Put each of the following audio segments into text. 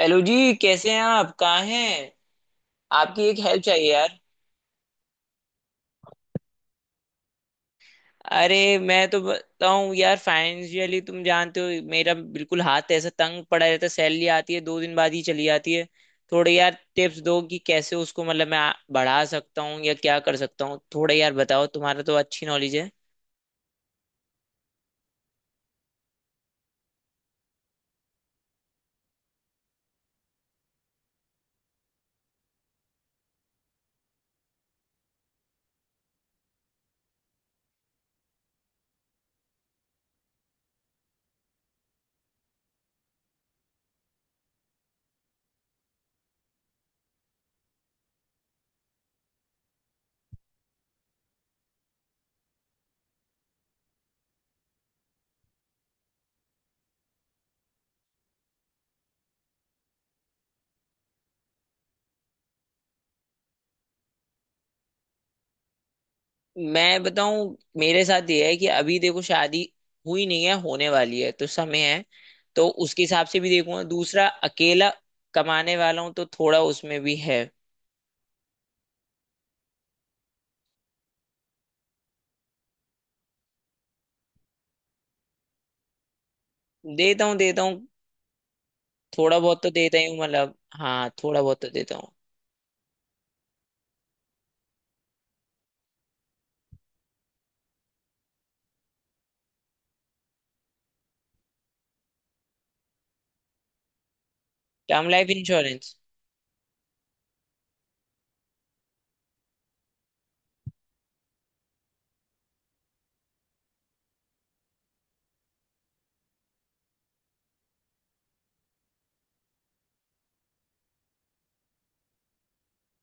Hello जी, कैसे हैं आप? कहाँ हैं? आपकी एक हेल्प चाहिए यार। अरे मैं तो बताऊं यार, फाइनेंशियली तुम जानते हो, मेरा बिल्कुल हाथ ऐसा तंग पड़ा रहता है। सैलरी आती है, दो दिन बाद ही चली जाती है। थोड़े यार टिप्स दो कि कैसे उसको, मतलब मैं बढ़ा सकता हूँ या क्या कर सकता हूँ। थोड़े यार बताओ, तुम्हारा तो अच्छी नॉलेज है। मैं बताऊं, मेरे साथ ये है कि अभी देखो, शादी हुई नहीं है, होने वाली है तो समय है। तो उसके हिसाब से भी देखूंगा। दूसरा, अकेला कमाने वाला हूं तो थोड़ा उसमें भी है। देता हूँ, देता हूँ। थोड़ा बहुत तो देता ही हूँ, मतलब हाँ, थोड़ा बहुत तो देता हूँ। Term life insurance?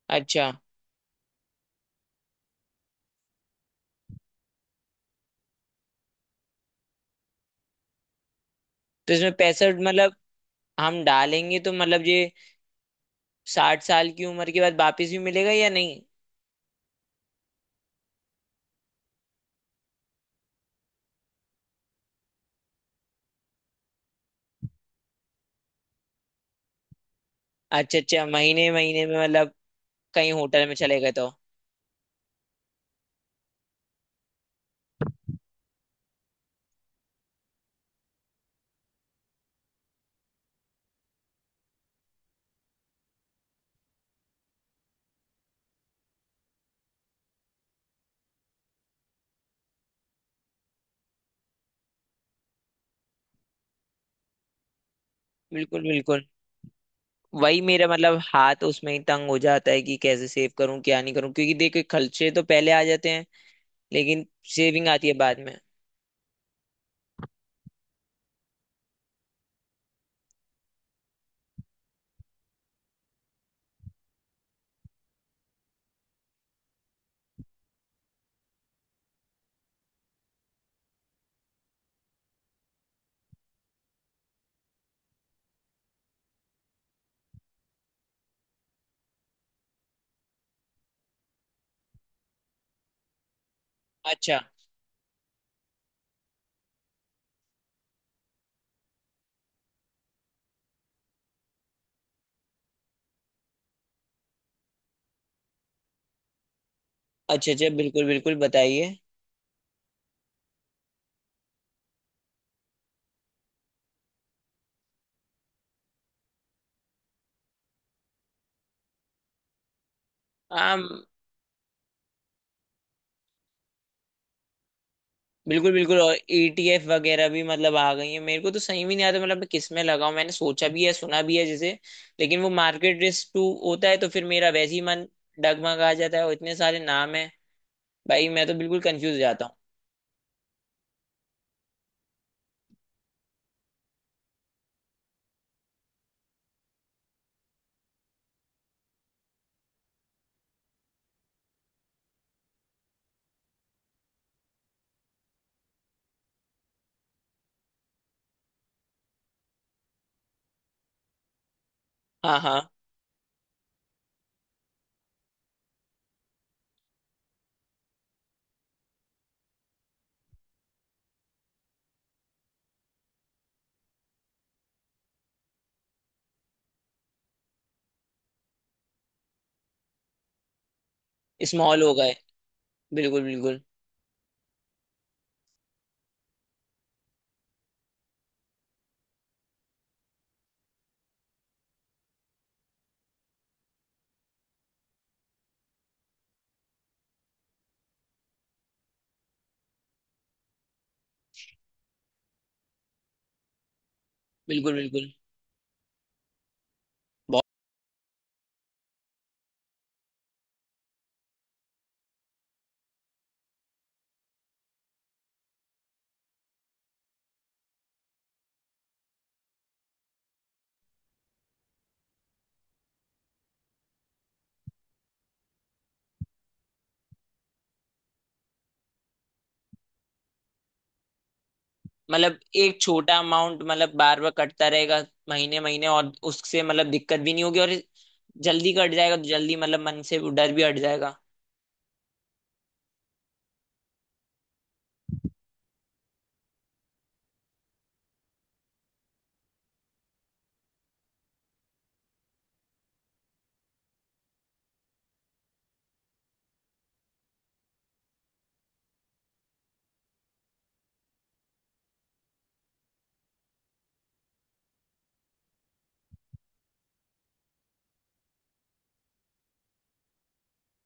अच्छा, तो इसमें पैसा मतलब हम डालेंगे तो मतलब ये 60 साल की उम्र के बाद वापस भी मिलेगा या नहीं? अच्छा अच्छा, महीने महीने में मतलब कहीं होटल में चले गए तो। बिल्कुल बिल्कुल। वही मेरा मतलब, हाथ उसमें ही तंग हो जाता है कि कैसे सेव करूं, क्या नहीं करूं, क्योंकि देखो खर्चे तो पहले आ जाते हैं। लेकिन सेविंग आती है बाद में। अच्छा। अच्छा अच्छा, बिल्कुल बिल्कुल, बताइए। हाँ, बिल्कुल बिल्कुल। और ईटीएफ वगैरह भी मतलब आ गई है मेरे को, तो सही भी नहीं आता। मतलब मैं किस में लगाऊं? मैंने सोचा भी है, सुना भी है जैसे, लेकिन वो मार्केट रिस्क टू होता है तो फिर मेरा वैसे ही मन डगमगा जाता है। और इतने सारे नाम है भाई, मैं तो बिल्कुल कंफ्यूज हो जाता हूँ। हाँ हाँ। स्मॉल हो गए। बिल्कुल बिल्कुल। बिल्कुल बिल्कुल। बहुत। मतलब एक छोटा अमाउंट, मतलब बार बार कटता रहेगा महीने महीने, और उससे मतलब दिक्कत भी नहीं होगी। और जल्दी कट जाएगा तो जल्दी मतलब मन से वो डर भी हट जाएगा।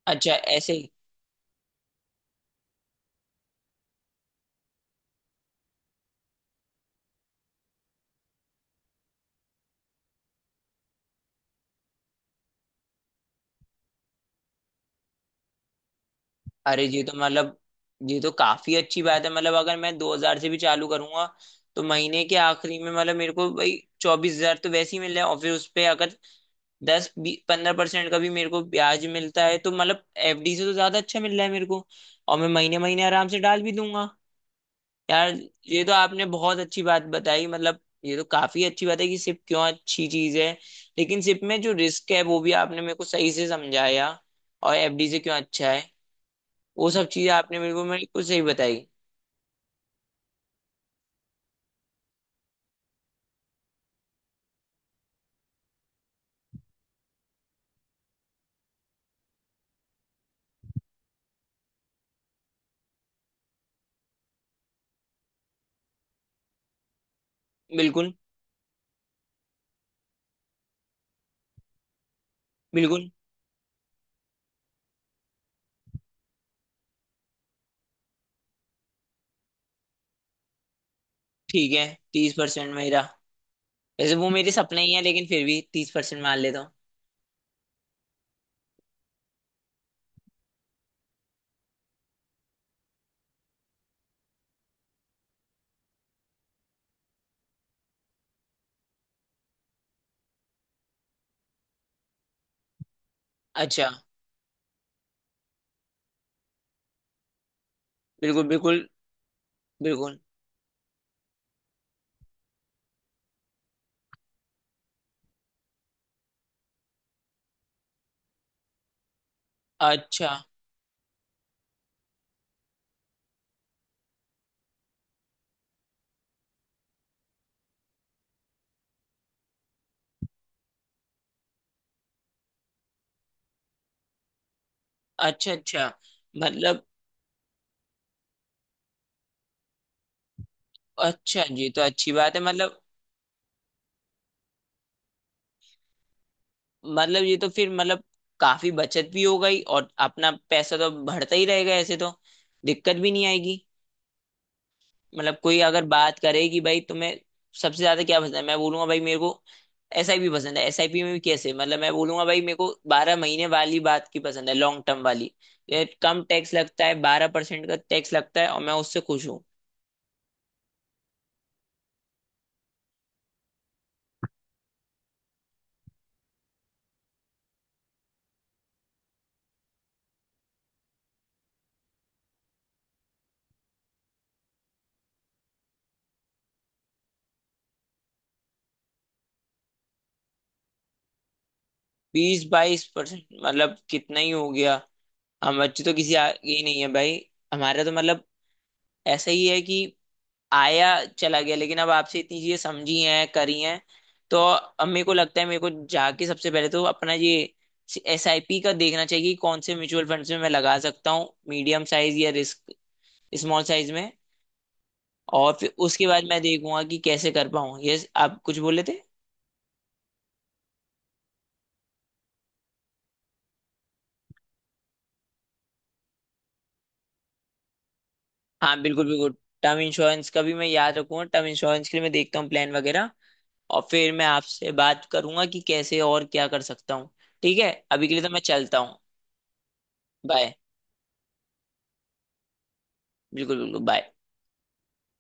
अच्छा, ऐसे। अरे जी, तो मतलब ये तो काफी अच्छी बात है। मतलब अगर मैं 2,000 से भी चालू करूंगा तो महीने के आखिरी में मतलब मेरे को भाई 24,000 तो वैसे ही मिल रहा है। और फिर उस पे अगर 10-15% का भी मेरे को ब्याज मिलता है तो मतलब एफडी से तो ज्यादा अच्छा मिल रहा है मेरे को। और मैं महीने महीने आराम से डाल भी दूंगा। यार, ये तो आपने बहुत अच्छी बात बताई। मतलब ये तो काफी अच्छी बात है कि सिप क्यों अच्छी चीज है, लेकिन सिप में जो रिस्क है वो भी आपने मेरे को सही से समझाया। और एफडी से क्यों अच्छा है, वो सब चीजें आपने बिल्कुल मेरे को सही बताई। बिल्कुल बिल्कुल, ठीक है। 30% मेरा, वैसे वो मेरे सपने ही है, लेकिन फिर भी 30% मान लेता हूँ। अच्छा। बिल्कुल बिल्कुल बिल्कुल। अच्छा अच्छा अच्छा, मतलब। अच्छा, ये तो अच्छी बात है, मतलब। मतलब ये तो फिर, मतलब काफी बचत भी हो गई और अपना पैसा तो बढ़ता ही रहेगा, ऐसे तो दिक्कत भी नहीं आएगी। मतलब कोई अगर बात करे कि भाई तुम्हें सबसे ज्यादा क्या पसंद है, मैं बोलूंगा भाई मेरे को एसआईपी पसंद है। एसआईपी में भी कैसे, मतलब मैं बोलूंगा भाई मेरे को 12 महीने वाली बात की पसंद है, लॉन्ग टर्म वाली। ये कम टैक्स लगता है, 12% का टैक्स लगता है, और मैं उससे खुश हूँ। 20-22% मतलब कितना ही हो गया। हम बच्चे तो किसी आगे ही नहीं है भाई। हमारा तो मतलब ऐसा ही है कि आया चला गया, लेकिन अब आपसे इतनी चीजें समझी हैं, करी हैं। तो अब मेरे को लगता है, मेरे को जाके सबसे पहले तो अपना ये एस आई पी का देखना चाहिए कि कौन से म्यूचुअल फंड्स में मैं लगा सकता हूँ, मीडियम साइज या रिस्क स्मॉल साइज में। और फिर उसके बाद मैं देखूंगा कि कैसे कर पाऊँ, ये आप कुछ बोले थे। हाँ बिल्कुल बिल्कुल। टर्म इंश्योरेंस का भी मैं याद रखूंगा। टर्म इंश्योरेंस के लिए मैं देखता हूँ प्लान वगैरह। और फिर मैं आपसे बात करूंगा कि कैसे और क्या कर सकता हूँ। ठीक है, अभी के लिए तो मैं चलता हूँ। बाय। बिल्कुल बिल्कुल, बाय।